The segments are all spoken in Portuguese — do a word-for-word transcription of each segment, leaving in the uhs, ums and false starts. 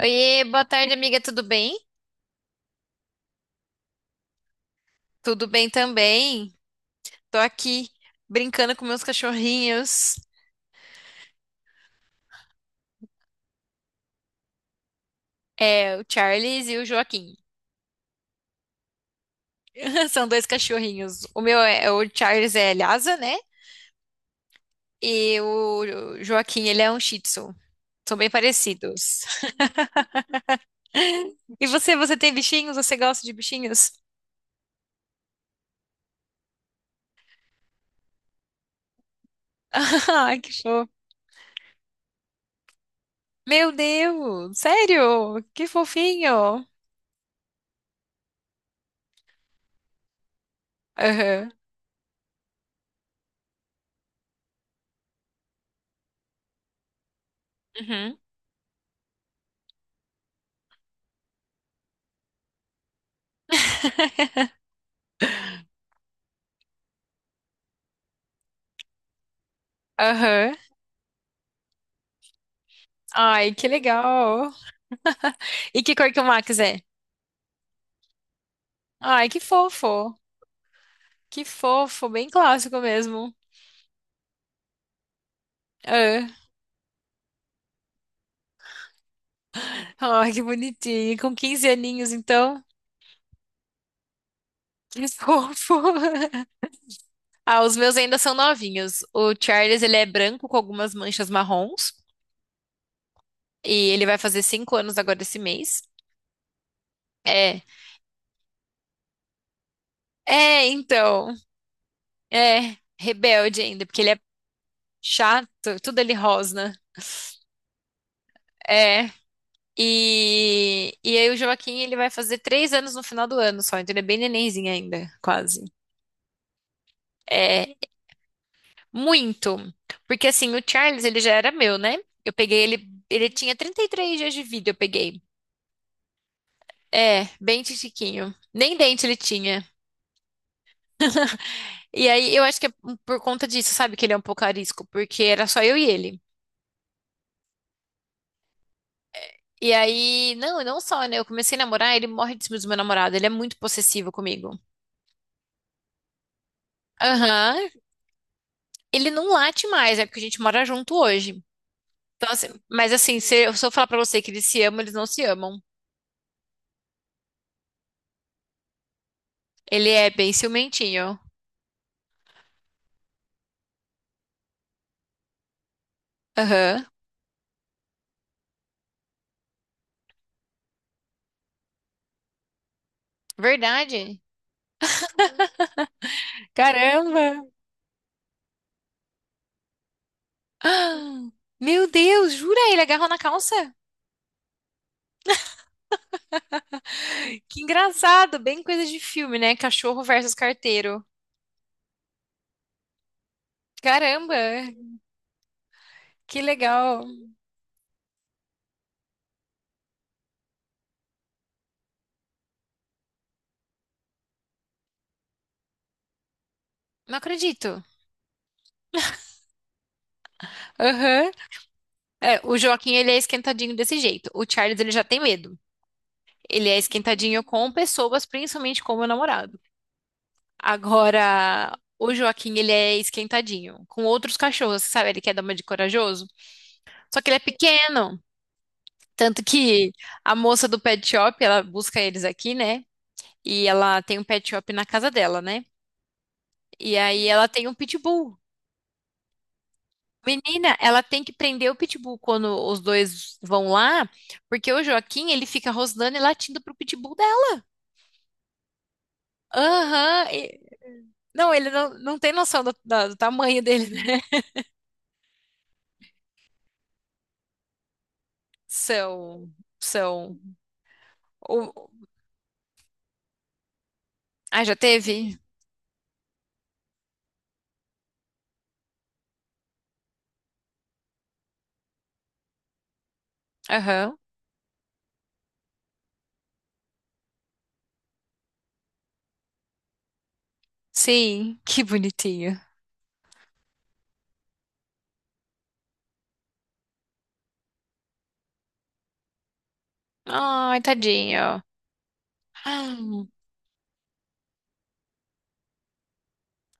Oiê, boa tarde, amiga, tudo bem? Tudo bem também. Tô aqui brincando com meus cachorrinhos, é, o Charles e o Joaquim. São dois cachorrinhos. O meu é o Charles é Lhasa, né? E o Joaquim, ele é um Shih Tzu. São bem parecidos. E você, você tem bichinhos? Você gosta de bichinhos? Ah, que fofo. Meu Deus, sério? Que fofinho. Aham. Uhum. Aham. Ai, que legal. E que cor que o Max é? Ai, que fofo. Que fofo, bem clássico mesmo. É. Ai, que bonitinho. Com quinze aninhos, então. Que fofo. Ah, os meus ainda são novinhos. O Charles, ele é branco com algumas manchas marrons. E ele vai fazer cinco anos agora esse mês. É. É, então. É. Rebelde ainda, porque ele é chato. Tudo ele rosna. É. E, e aí o Joaquim, ele vai fazer três anos no final do ano só. Então ele é bem nenenzinho ainda, quase. É, muito. Porque assim, o Charles, ele já era meu, né? Eu peguei ele, ele tinha trinta e três dias de vida, eu peguei. É, bem titiquinho. Nem dente ele tinha. E aí, eu acho que é um, por conta disso, sabe, que ele é um pouco arisco, porque era só eu e ele. E aí, não, e não só, né? Eu comecei a namorar, ele morre de ciúmes do meu namorado, ele é muito possessivo comigo. Aham. Ele não late mais, é porque a gente mora junto hoje. Então, assim, mas assim, se eu, se eu falar pra você que eles se amam, eles não se amam. Ele é bem ciumentinho. Aham. Verdade. Caramba! Ah, Meu Deus, jura? Ele agarrou na calça? Que engraçado, bem coisa de filme, né? Cachorro versus carteiro. Caramba, que legal. Não acredito. Aham. É, o Joaquim, ele é esquentadinho desse jeito. O Charles, ele já tem medo. Ele é esquentadinho com pessoas, principalmente com o meu namorado. Agora, o Joaquim, ele é esquentadinho com outros cachorros, sabe? Ele quer dar uma de corajoso. Só que ele é pequeno. Tanto que a moça do pet shop, ela busca eles aqui, né? E ela tem um pet shop na casa dela, né? E aí ela tem um pitbull. Menina, ela tem que prender o pitbull quando os dois vão lá, porque o Joaquim, ele fica rosnando e latindo pro pitbull dela. Aham. e- Não, ele não, não tem noção do, da- do tamanho dele, né? São, são. o- Ah, já teve? Aham. Sim, que bonitinho. Ai, tadinho.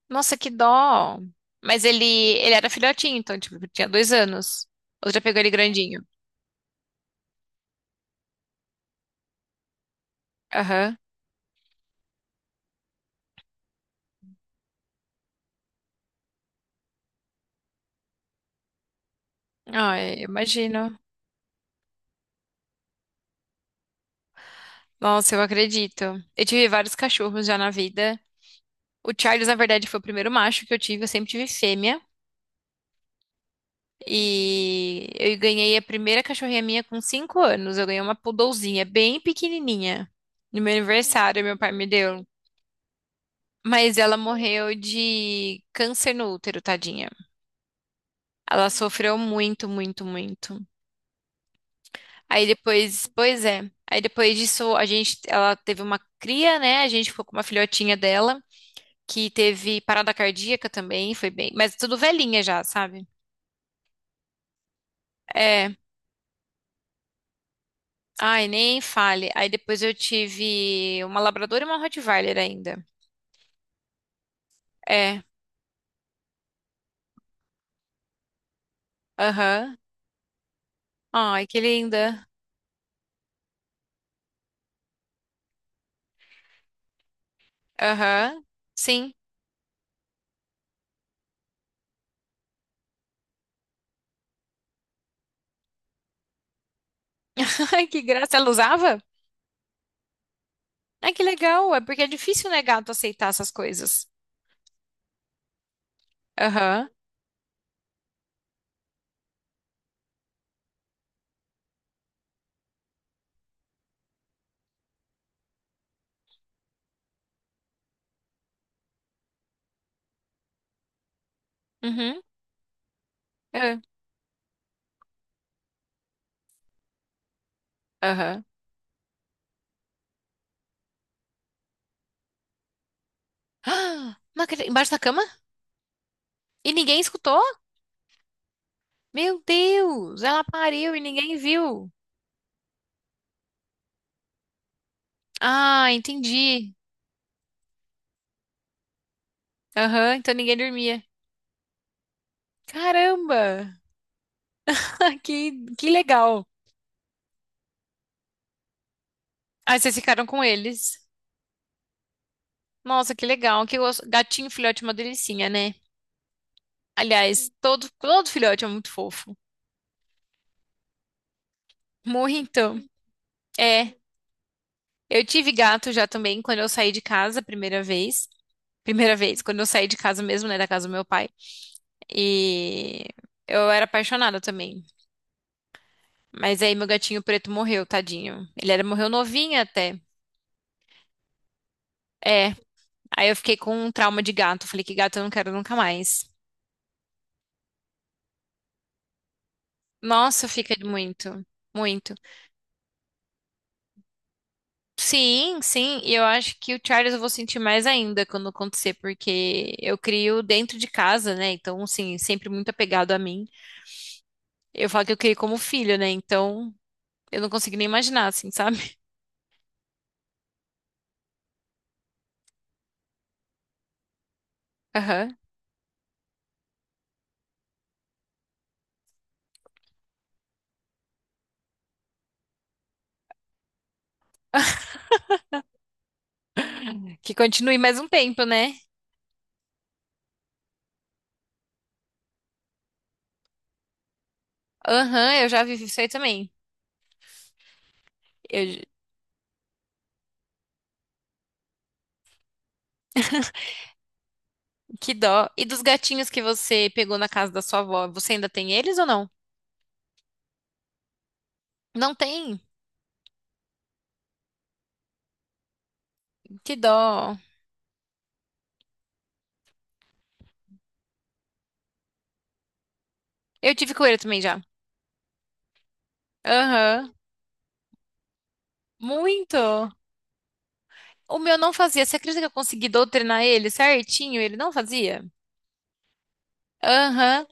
Nossa, que dó. Mas ele, ele era filhotinho, então, tipo, tinha dois anos. Ou já pegou ele grandinho? Aham. Ai, eu imagino. Nossa, eu acredito. Eu tive vários cachorros já na vida. O Charles, na verdade, foi o primeiro macho que eu tive. Eu sempre tive fêmea. E eu ganhei a primeira cachorrinha minha com cinco anos. Eu ganhei uma poodlezinha, bem pequenininha. No meu aniversário, meu pai me deu. Mas ela morreu de câncer no útero, tadinha. Ela sofreu muito, muito, muito. Aí depois, pois é. Aí depois disso, a gente, ela teve uma cria, né? A gente ficou com uma filhotinha dela, que teve parada cardíaca também, foi bem, mas tudo velhinha já, sabe? É. Ai, nem fale. Aí depois eu tive uma labrador e uma Rottweiler ainda. É. Aham. Ai, que linda. Aham. Sim. Ai, que graça. Ela usava? Ai, que legal. É porque é difícil, né, gato, aceitar essas coisas. Aham. Uhum. É. Aham. Ah, não acredito. Embaixo da cama? E ninguém escutou? Meu Deus, ela pariu e ninguém viu. Ah, entendi. Aham, então ninguém dormia. Caramba, que, que legal. Aí vocês ficaram com eles. Nossa, que legal. Que gosto- gatinho filhote é uma delicinha, né? Aliás, todo, todo filhote é muito fofo. Muito. É, eu tive gato já também quando eu saí de casa a primeira vez. Primeira vez, quando eu saí de casa mesmo, né, da casa do meu pai. E eu era apaixonada também. Mas aí meu gatinho preto morreu, tadinho. Ele era, morreu novinho até. É. Aí eu fiquei com um trauma de gato. Falei que gato eu não quero nunca mais. Nossa, fica muito, muito. Sim, sim. E eu acho que o Charles eu vou sentir mais ainda quando acontecer, porque eu crio dentro de casa, né? Então, assim, sempre muito apegado a mim. Eu falo que eu criei como filho, né? Então, eu não consigo nem imaginar, assim, sabe? Aham. Que continue mais um tempo, né? Aham, eu já vivi isso aí também. Eu, que dó. E dos gatinhos que você pegou na casa da sua avó, você ainda tem eles ou não? Não tem? Que dó. Eu tive coelho também já. Aham. Muito. O meu não fazia. Você acredita que eu consegui doutrinar ele certinho? Ele não fazia? Aham.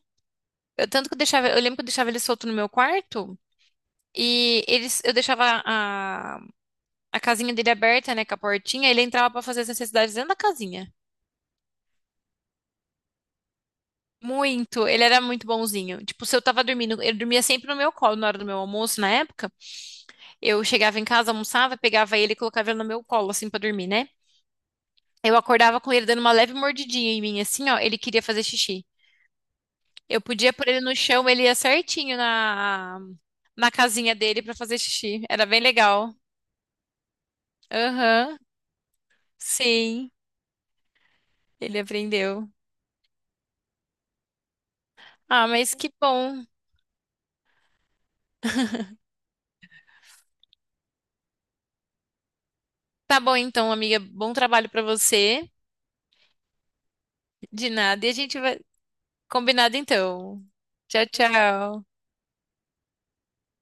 Eu tanto que eu deixava, eu lembro que eu deixava ele solto no meu quarto e eles, eu deixava a, a casinha dele aberta, né, com a portinha, ele entrava pra fazer as necessidades dentro da casinha. Muito, ele era muito bonzinho. Tipo, se eu tava dormindo, ele dormia sempre no meu colo na hora do meu almoço, na época. Eu chegava em casa, almoçava, pegava ele e colocava ele no meu colo, assim, pra dormir, né? Eu acordava com ele dando uma leve mordidinha em mim, assim, ó. Ele queria fazer xixi. Eu podia pôr ele no chão, ele ia certinho na, na casinha dele pra fazer xixi. Era bem legal. Aham, sim, ele aprendeu. Ah, mas que bom. Tá bom então, amiga. Bom trabalho pra você. De nada. E a gente vai. Combinado então. Tchau, tchau.